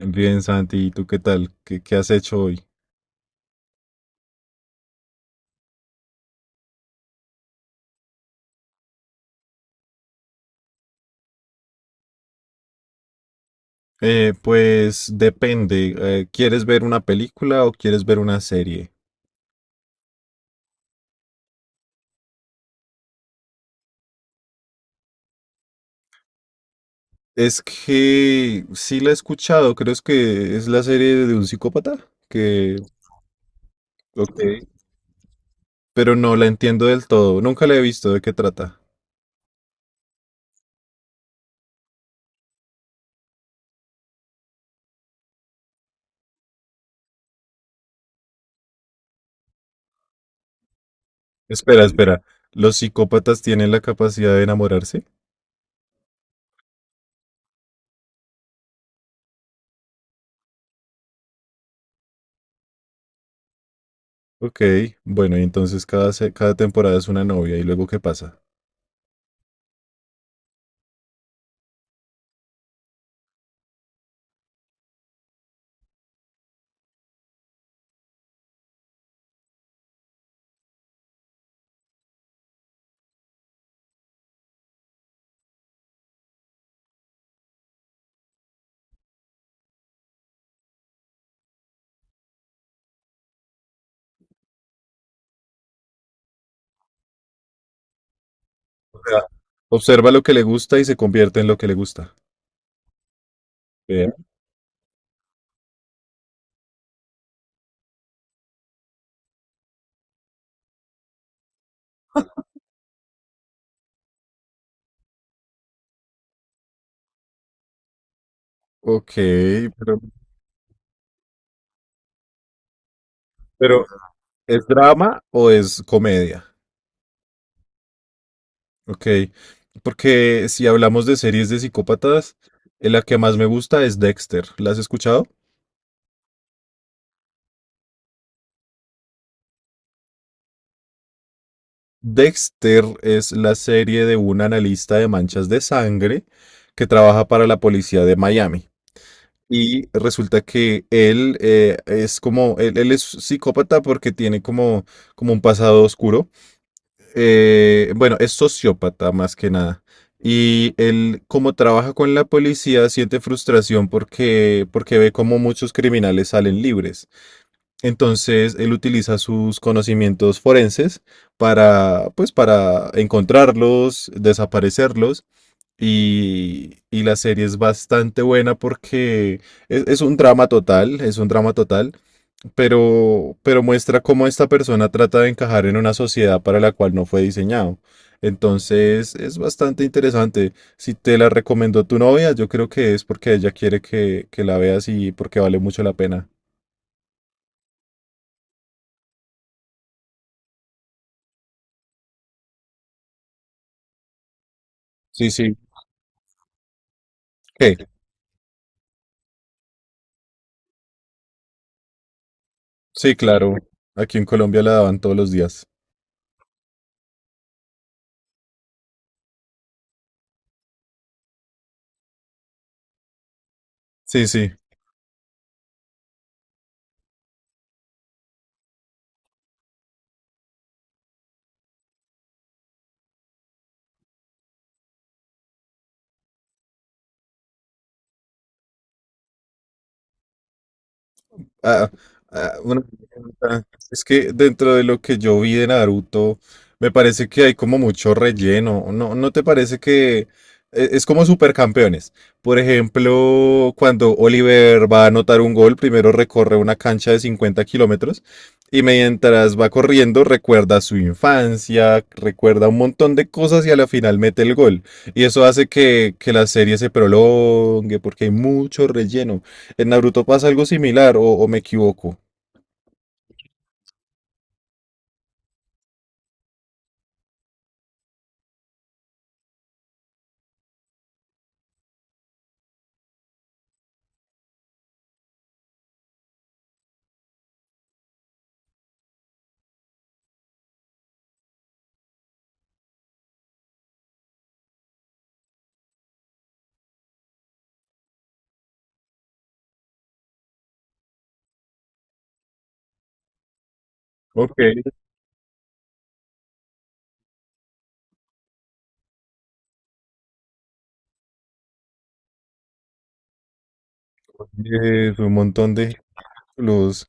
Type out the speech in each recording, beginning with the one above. Bien, Santi, ¿y tú qué tal? ¿Qué has hecho hoy? Pues depende. ¿Quieres ver una película o quieres ver una serie? Es que sí la he escuchado, creo es que es la serie de un psicópata, que, ok, pero no la entiendo del todo, nunca la he visto, ¿de qué trata? Espera, ¿los psicópatas tienen la capacidad de enamorarse? Ok, bueno, y entonces cada temporada es una novia, ¿y luego qué pasa? O sea, observa lo que le gusta y se convierte en lo que le gusta. Ok, pero, pero ¿es drama o es comedia? Ok, porque si hablamos de series de psicópatas, la que más me gusta es Dexter. ¿La has escuchado? Dexter es la serie de un analista de manchas de sangre que trabaja para la policía de Miami. Y resulta que él es como, él es psicópata porque tiene como un pasado oscuro. Bueno, es sociópata más que nada. Y él, como trabaja con la policía, siente frustración porque ve cómo muchos criminales salen libres. Entonces, él utiliza sus conocimientos forenses para, pues, para encontrarlos, desaparecerlos. Y la serie es bastante buena porque es un drama total, es un drama total, pero muestra cómo esta persona trata de encajar en una sociedad para la cual no fue diseñado. Entonces es bastante interesante. Si te la recomendó tu novia, yo creo que es porque ella quiere que la veas y porque vale mucho la pena. Sí, sí. ¿Qué? Sí, claro. Aquí en Colombia la daban todos los días. Sí, sí. Ah, ah, una pregunta. Es que dentro de lo que yo vi de Naruto, me parece que hay como mucho relleno. ¿No te parece que es como supercampeones? Por ejemplo, cuando Oliver va a anotar un gol, primero recorre una cancha de 50 kilómetros y mientras va corriendo recuerda su infancia, recuerda un montón de cosas y a la final mete el gol. Y eso hace que la serie se prolongue porque hay mucho relleno. En Naruto pasa algo similar, o me equivoco. Ok, un montón de luz.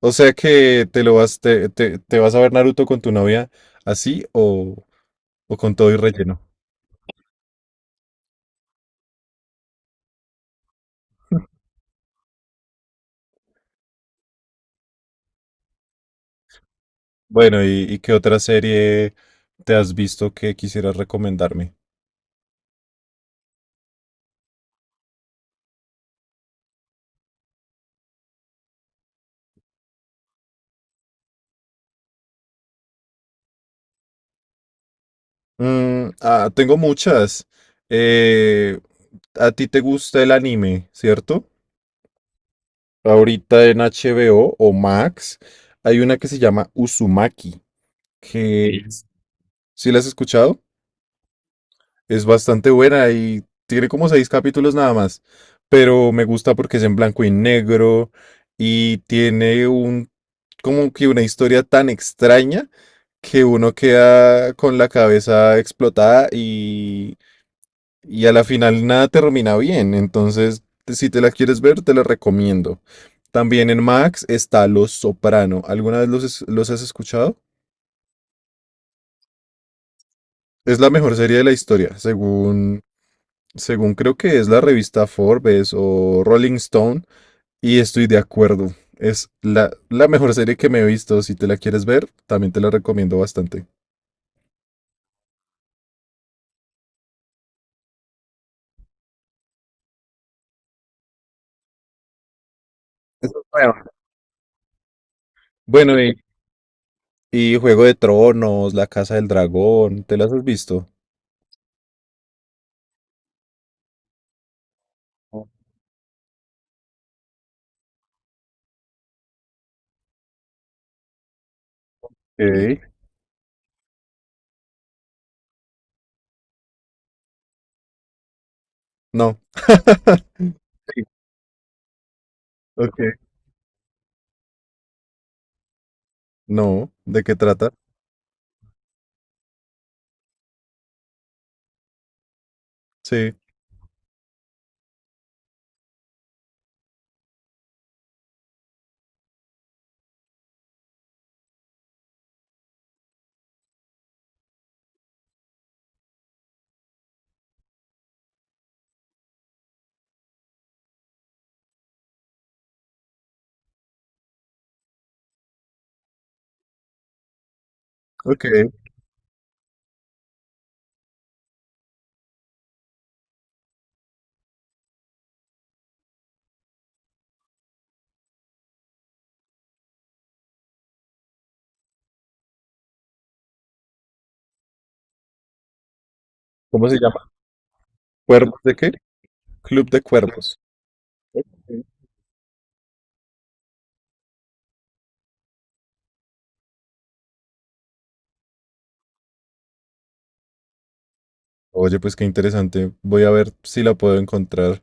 O sea que te lo vas, te- te vas a ver Naruto con tu novia así o con todo y relleno. Bueno, ¿y qué otra serie te has visto que quisieras recomendarme? Mm, ah, tengo muchas. Eh, a ti te gusta el anime, ¿cierto? Ahorita en HBO o Max hay una que se llama Uzumaki, que... Sí. ¿Sí la has escuchado? Es bastante buena y tiene como seis capítulos nada más, pero me gusta porque es en blanco y negro y tiene un como que una historia tan extraña que uno queda con la cabeza explotada y a la final nada termina bien. Entonces, si te la quieres ver, te la recomiendo. También en Max está Los Soprano. ¿Alguna vez los has escuchado? Es la mejor serie de la historia, según creo que es la revista Forbes o Rolling Stone, y estoy de acuerdo. Es la mejor serie que me he visto. Si te la quieres ver, también te la recomiendo bastante. Eso es nuevo. Bueno, y Juego de Tronos, La Casa del Dragón, ¿te las has visto? Ok, no, sí. Ok. No. ¿De qué trata? Sí, ok. ¿Cómo se llama? ¿Cuervos de qué? Club de Cuervos. Oye, pues qué interesante. Voy a ver si la puedo encontrar.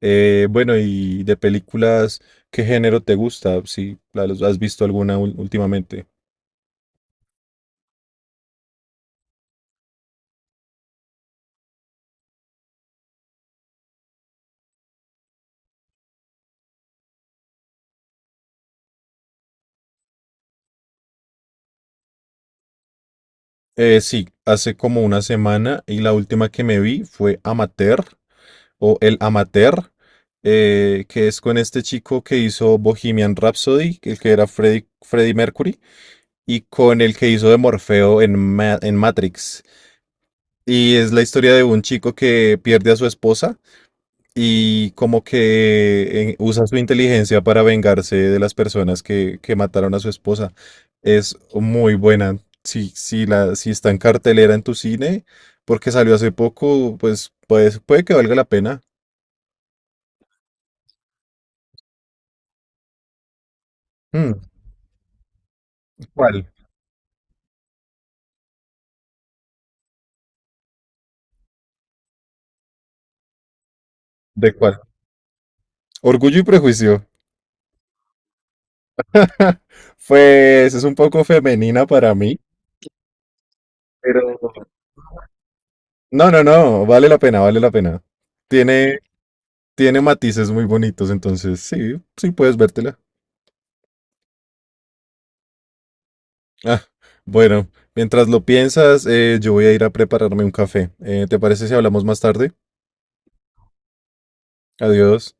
Bueno, y de películas, ¿qué género te gusta? Si has visto alguna últimamente. Sí, hace como una semana y la última que me vi fue Amateur o El Amateur, que es con este chico que hizo Bohemian Rhapsody, el que era Freddie Mercury, y con el que hizo de Morfeo en en Matrix. Y es la historia de un chico que pierde a su esposa y como que usa su inteligencia para vengarse de las personas que mataron a su esposa. Es muy buena. Si está en cartelera en tu cine, porque salió hace poco, pues puede que valga la pena. Hmm, ¿cuál? ¿De cuál? Orgullo y prejuicio. Pues es un poco femenina para mí, pero... No, no, no, vale la pena, vale la pena. Tiene, Tiene matices muy bonitos, entonces sí, sí puedes vértela. Ah, bueno, mientras lo piensas, yo voy a ir a prepararme un café. ¿Te parece si hablamos más tarde? Adiós.